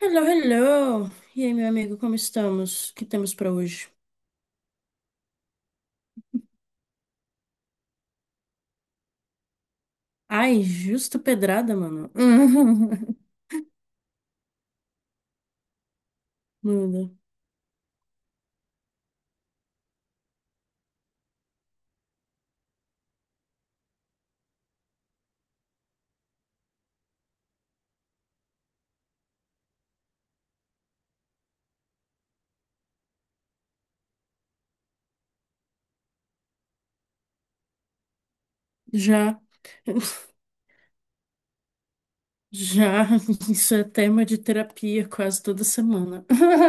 Hello, hello! E aí, meu amigo, como estamos? O que temos pra hoje? Ai, justa pedrada, mano. Manda. Já, já, isso é tema de terapia quase toda semana.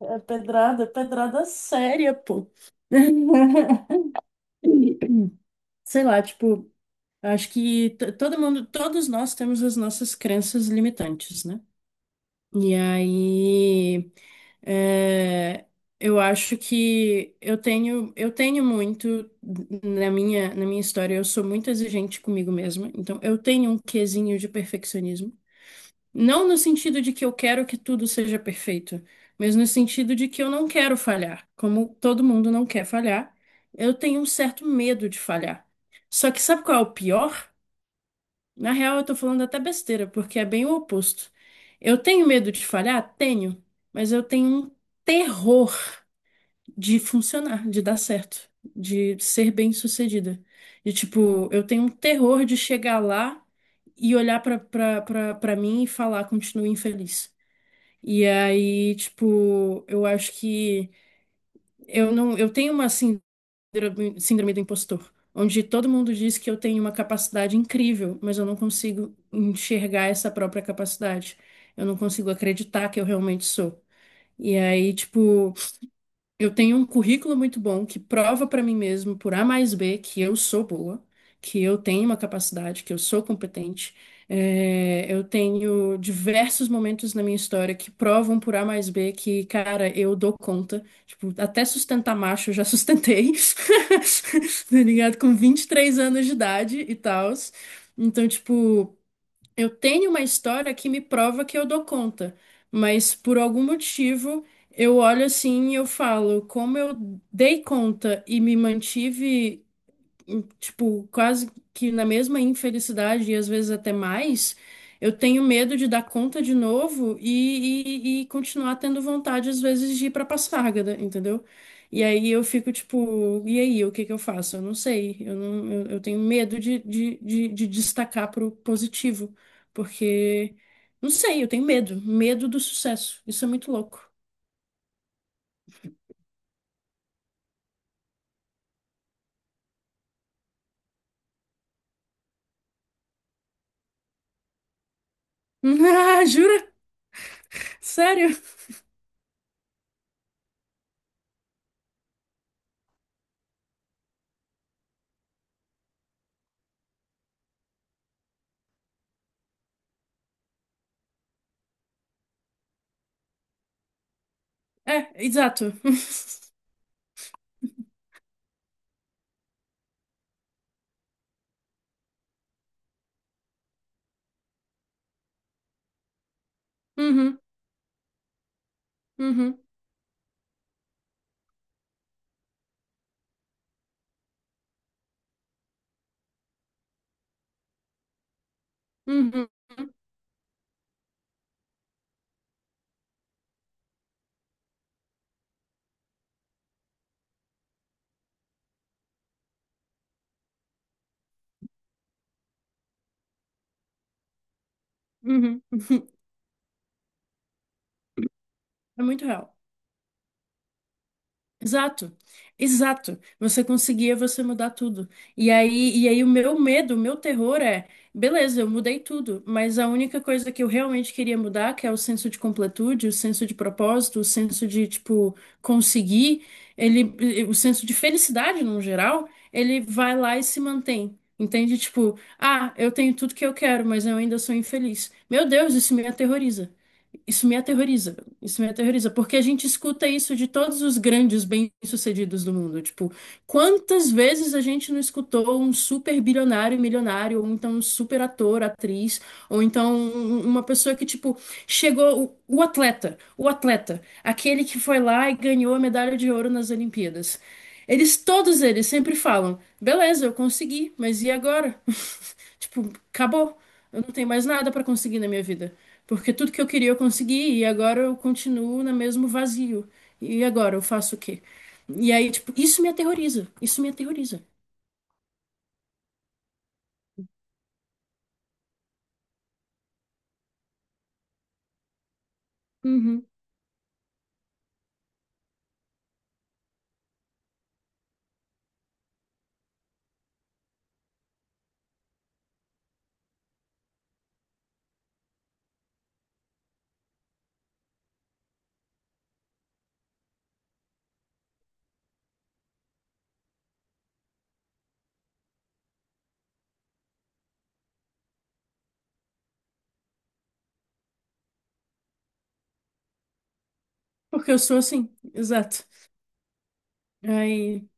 É pedrada, pedrada séria, pô. Sei lá, tipo, acho que todo mundo, todos nós temos as nossas crenças limitantes, né? E aí, é, eu acho que eu tenho muito na minha história, eu sou muito exigente comigo mesma, então eu tenho um quesinho de perfeccionismo. Não no sentido de que eu quero que tudo seja perfeito, mas no sentido de que eu não quero falhar. Como todo mundo não quer falhar, eu tenho um certo medo de falhar. Só que sabe qual é o pior? Na real, eu tô falando até besteira, porque é bem o oposto. Eu tenho medo de falhar? Tenho, mas eu tenho um terror de funcionar, de dar certo, de ser bem-sucedida. De tipo, eu tenho um terror de chegar lá e olhar pra mim e falar, continue infeliz. E aí, tipo, eu acho que eu não, eu tenho uma assim síndrome do impostor, onde todo mundo diz que eu tenho uma capacidade incrível, mas eu não consigo enxergar essa própria capacidade. Eu não consigo acreditar que eu realmente sou. E aí, tipo, eu tenho um currículo muito bom que prova para mim mesmo, por A mais B, que eu sou boa, que eu tenho uma capacidade, que eu sou competente. É, eu tenho diversos momentos na minha história que provam por A mais B que, cara, eu dou conta. Tipo, até sustentar macho eu já sustentei, tá ligado? Com 23 anos de idade e tal. Então, tipo. Eu tenho uma história que me prova que eu dou conta, mas por algum motivo eu olho assim e eu falo, como eu dei conta e me mantive tipo, quase que na mesma infelicidade e às vezes até mais, eu tenho medo de dar conta de novo e, continuar tendo vontade às vezes de ir pra Passárgada, entendeu? E aí eu fico tipo, e aí, o que que eu faço? Eu não sei, eu não, eu tenho medo de destacar pro positivo, porque, não sei, eu tenho medo, medo do sucesso, isso é muito louco. Ah, jura? Sério? É, exato. Uhum, uhum, uhum. Uhum. É muito real. Exato, exato. Você conseguia, você mudar tudo. E aí o meu medo, o meu terror é, beleza, eu mudei tudo, mas a única coisa que eu realmente queria mudar, que é o senso de completude, o senso de propósito, o senso de, tipo, conseguir, ele, o senso de felicidade no geral, ele vai lá e se mantém. Entende? Tipo, ah, eu tenho tudo que eu quero, mas eu ainda sou infeliz. Meu Deus, isso me aterroriza. Isso me aterroriza, isso me aterroriza, porque a gente escuta isso de todos os grandes bem-sucedidos do mundo. Tipo, quantas vezes a gente não escutou um super bilionário, milionário, ou então um super ator, atriz, ou então uma pessoa que, tipo, chegou, o atleta, aquele que foi lá e ganhou a medalha de ouro nas Olimpíadas. Eles, todos eles, sempre falam: beleza, eu consegui, mas e agora? Tipo, acabou. Eu não tenho mais nada pra conseguir na minha vida, porque tudo que eu queria eu consegui e agora eu continuo no mesmo vazio. E agora eu faço o quê? E aí, tipo, isso me aterroriza. Isso me aterroriza. Uhum. Porque eu sou assim, exato. Aí,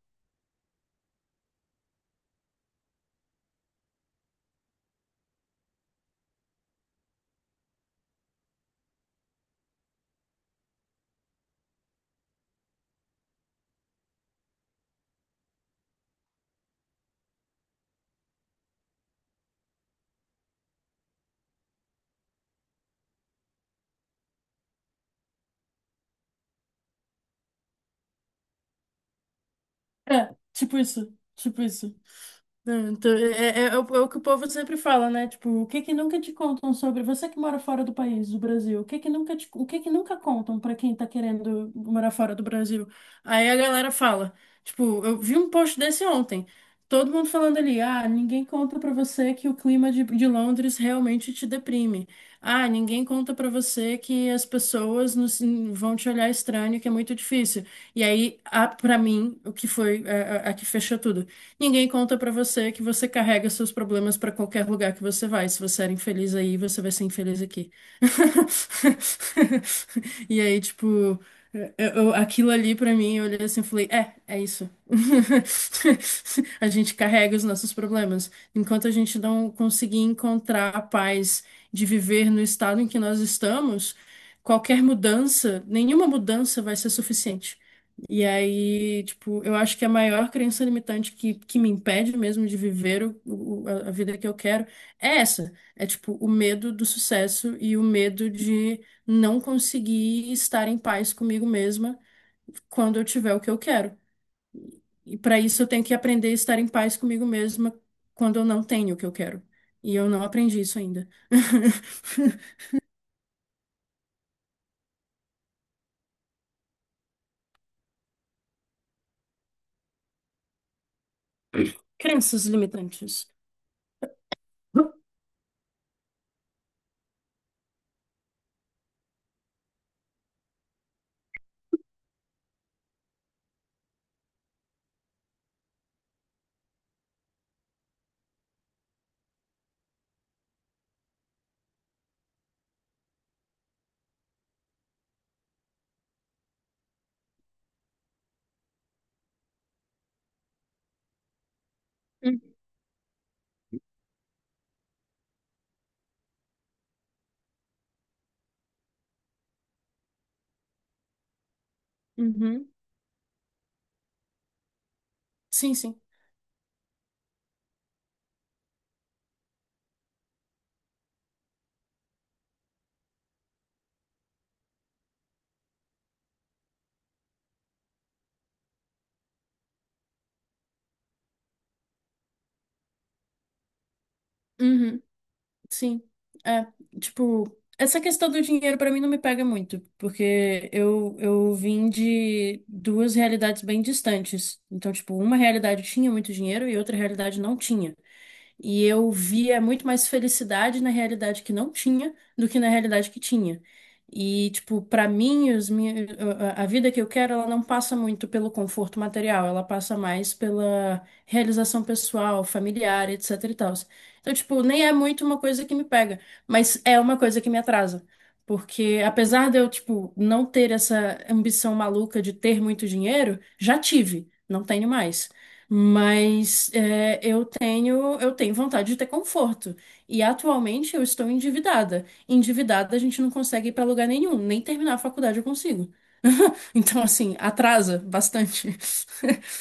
é, tipo isso, tipo isso. Não, então, é, é o que o povo sempre fala, né? Tipo, o que que nunca te contam sobre você que mora fora do país, do Brasil? O que que nunca o que que nunca contam pra quem tá querendo morar fora do Brasil? Aí a galera fala, tipo, eu vi um post desse ontem, todo mundo falando ali, ah, ninguém conta pra você que o clima de Londres realmente te deprime. Ah, ninguém conta pra você que as vão te olhar estranho, que é muito difícil. E aí, para mim, o que foi a que fechou tudo. Ninguém conta pra você que você carrega seus problemas pra qualquer lugar que você vai. Se você era infeliz aí, você vai ser infeliz aqui. E aí, tipo, aquilo ali pra mim, eu olhei assim e falei: é, é isso. A gente carrega os nossos problemas. Enquanto a gente não conseguir encontrar a paz de viver no estado em que nós estamos, qualquer mudança, nenhuma mudança vai ser suficiente. E aí, tipo, eu acho que a maior crença limitante que me impede mesmo de viver a vida que eu quero é essa. É, tipo, o medo do sucesso e o medo de não conseguir estar em paz comigo mesma quando eu tiver o que eu quero. E para isso eu tenho que aprender a estar em paz comigo mesma quando eu não tenho o que eu quero. E eu não aprendi isso ainda. Crenças limitantes. Uhum. Sim, sim. Uhum. Sim, é, tipo, essa questão do dinheiro pra mim não me pega muito, porque eu vim de duas realidades bem distantes. Então, tipo, uma realidade tinha muito dinheiro e outra realidade não tinha. E eu via muito mais felicidade na realidade que não tinha do que na realidade que tinha. E, tipo, pra mim, os minha, a vida que eu quero, ela não passa muito pelo conforto material, ela passa mais pela realização pessoal, familiar, etc e tal. Então, tipo, nem é muito uma coisa que me pega, mas é uma coisa que me atrasa. Porque apesar de eu, tipo, não ter essa ambição maluca de ter muito dinheiro, já tive, não tenho mais. Mas é, eu tenho vontade de ter conforto. E atualmente eu estou endividada. Endividada a gente não consegue ir para lugar nenhum, nem terminar a faculdade eu consigo. Então, assim, atrasa bastante.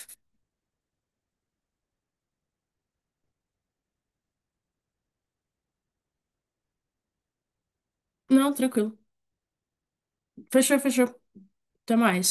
Não, tranquilo. Fechou, fechou. Até mais.